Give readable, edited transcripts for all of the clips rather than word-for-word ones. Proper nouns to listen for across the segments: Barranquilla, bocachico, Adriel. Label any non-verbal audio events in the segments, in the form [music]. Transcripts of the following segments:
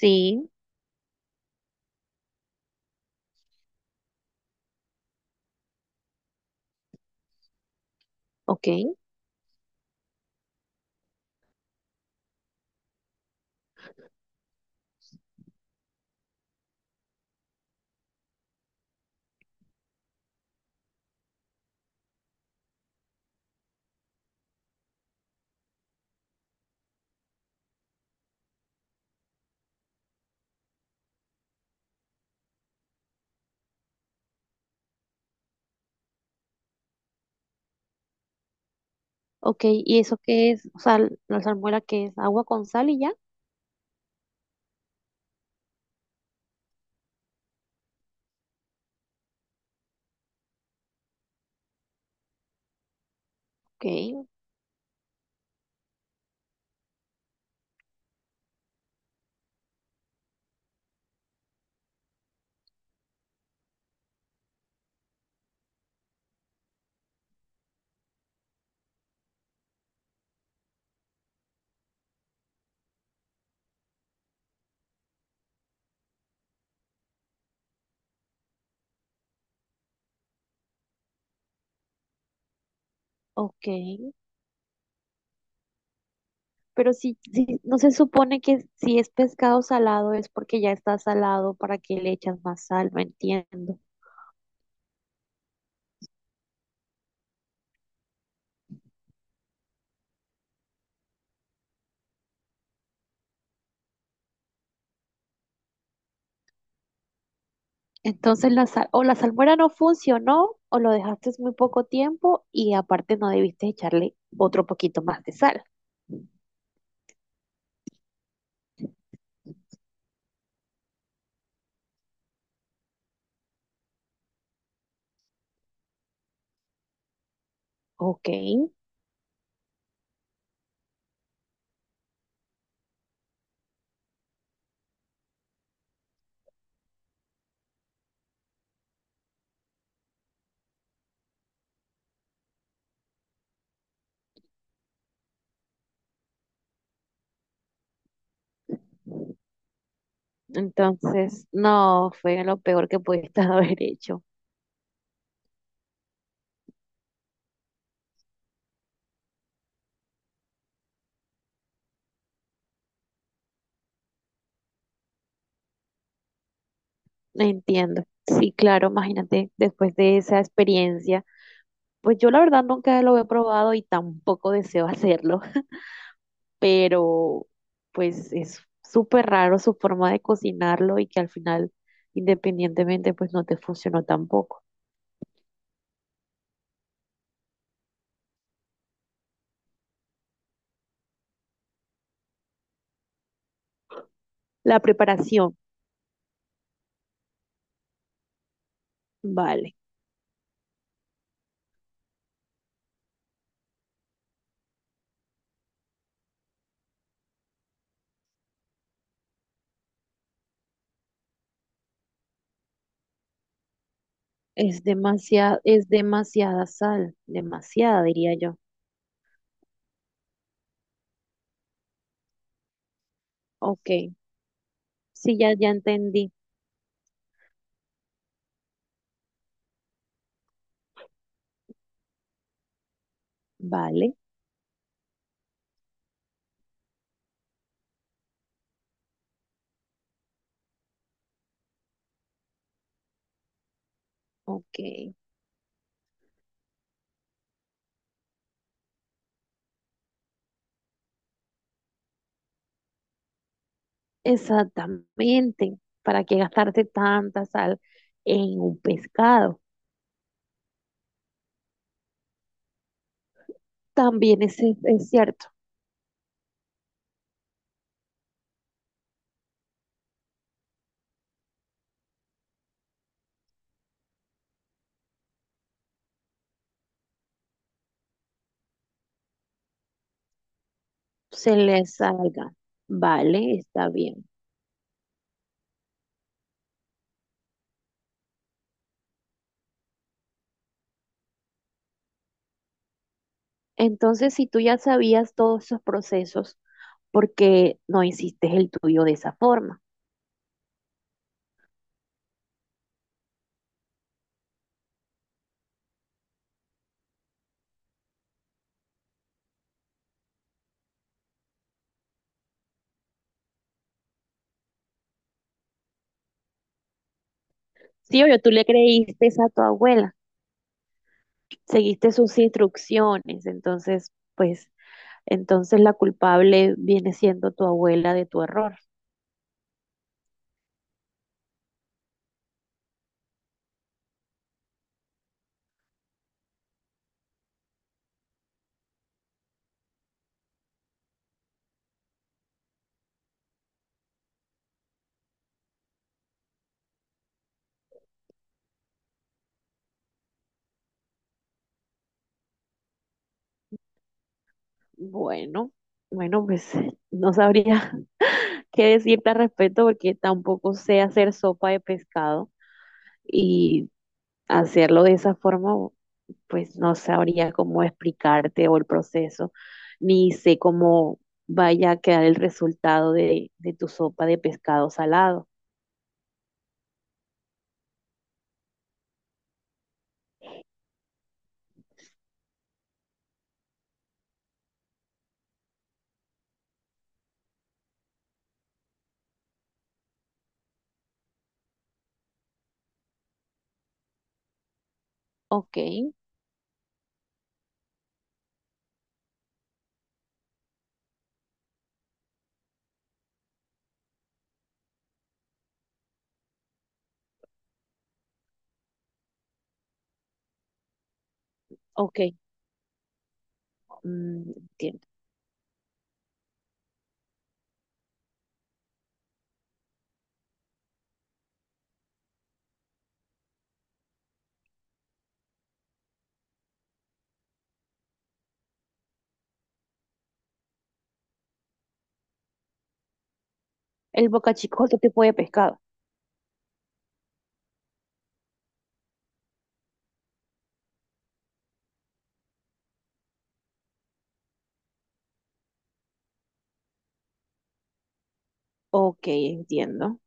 Sí, ok, ok. ¿Y eso qué es? O sea, la salmuera qué es agua con sal y ya. Ok, ok. Pero si no se supone que si es pescado salado es porque ya está salado, ¿para que le echas más sal? No entiendo. Entonces la sal, o la salmuera no funcionó o lo dejaste muy poco tiempo y aparte no debiste echarle otro poquito más de sal. Ok, entonces no fue lo peor que pudiste [laughs] haber hecho. Entiendo. Sí, claro, imagínate, después de esa experiencia, pues yo la verdad nunca lo he probado y tampoco deseo [laughs] hacerlo. Pero pues es súper raro su forma de cocinarlo y que al final, independientemente, pues no te funcionó tampoco. La preparación, vale, es demasiada sal, demasiada, diría yo. Ok, sí, ya, ya entendí. Vale, ok, exactamente. ¿Para qué gastarte tanta sal en un pescado? También es cierto, se le salga. Vale, está bien. Entonces, si tú ya sabías todos esos procesos, ¿por qué no hiciste el tuyo de esa forma? Sí, obvio, tú le creíste a tu abuela, seguiste sus instrucciones, entonces, pues, entonces la culpable viene siendo tu abuela de tu error. Bueno, bueno, pues no sabría [laughs] qué decirte al respecto porque tampoco sé hacer sopa de pescado y hacerlo de esa forma, pues no sabría cómo explicarte o el proceso, ni sé cómo vaya a quedar el resultado de tu sopa de pescado salado. Ok, ok, mm, entiendo. El bocachico es otro tipo de pescado. Ok, entiendo.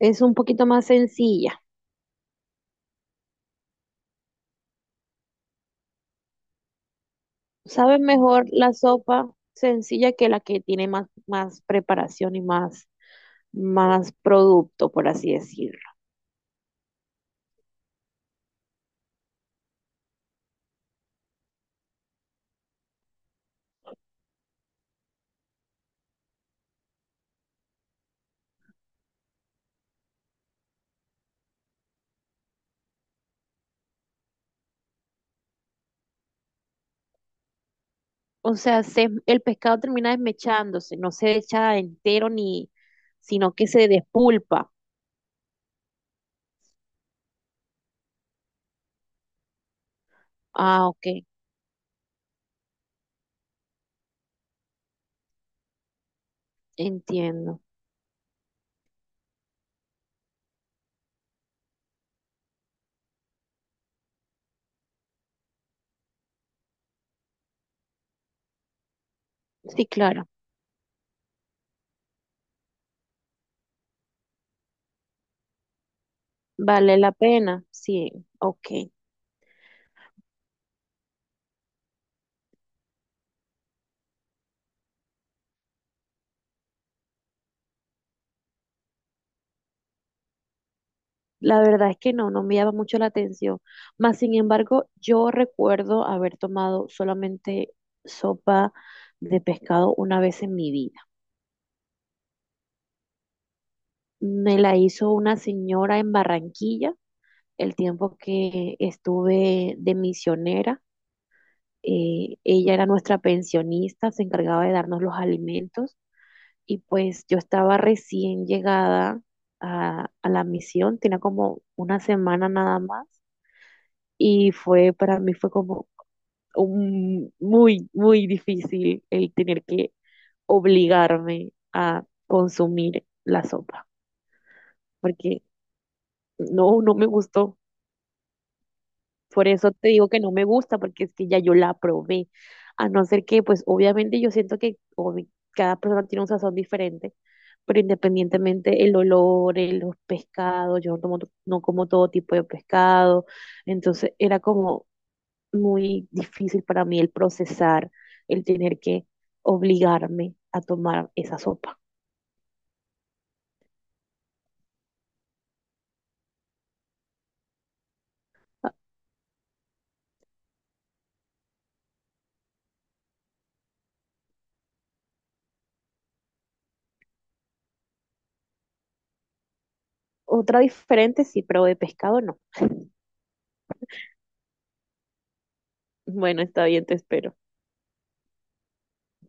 Es un poquito más sencilla. Sabe mejor la sopa sencilla que la que tiene más, más preparación y más producto, por así decirlo. O sea, el pescado termina desmechándose, no se echa entero ni, sino que se despulpa. Ah, ok, entiendo. Sí, claro, vale la pena. Sí, ok. La verdad es que no, no me llama mucho la atención. Más sin embargo, yo recuerdo haber tomado solamente sopa de pescado una vez en mi vida. Me la hizo una señora en Barranquilla el tiempo que estuve de misionera. Ella era nuestra pensionista, se encargaba de darnos los alimentos y pues yo estaba recién llegada a la misión, tenía como una semana nada más y fue para mí fue como muy, muy difícil el tener que obligarme a consumir la sopa, porque no, no me gustó. Por eso te digo que no me gusta, porque es que ya yo la probé. A no ser que, pues obviamente yo siento que cada persona tiene un sazón diferente, pero independientemente el olor, los pescados, yo no tomo, no como todo tipo de pescado, entonces era como muy difícil para mí el procesar, el tener que obligarme a tomar esa sopa. Ah, otra diferente, sí, pero de pescado no. Bueno, está bien, te espero.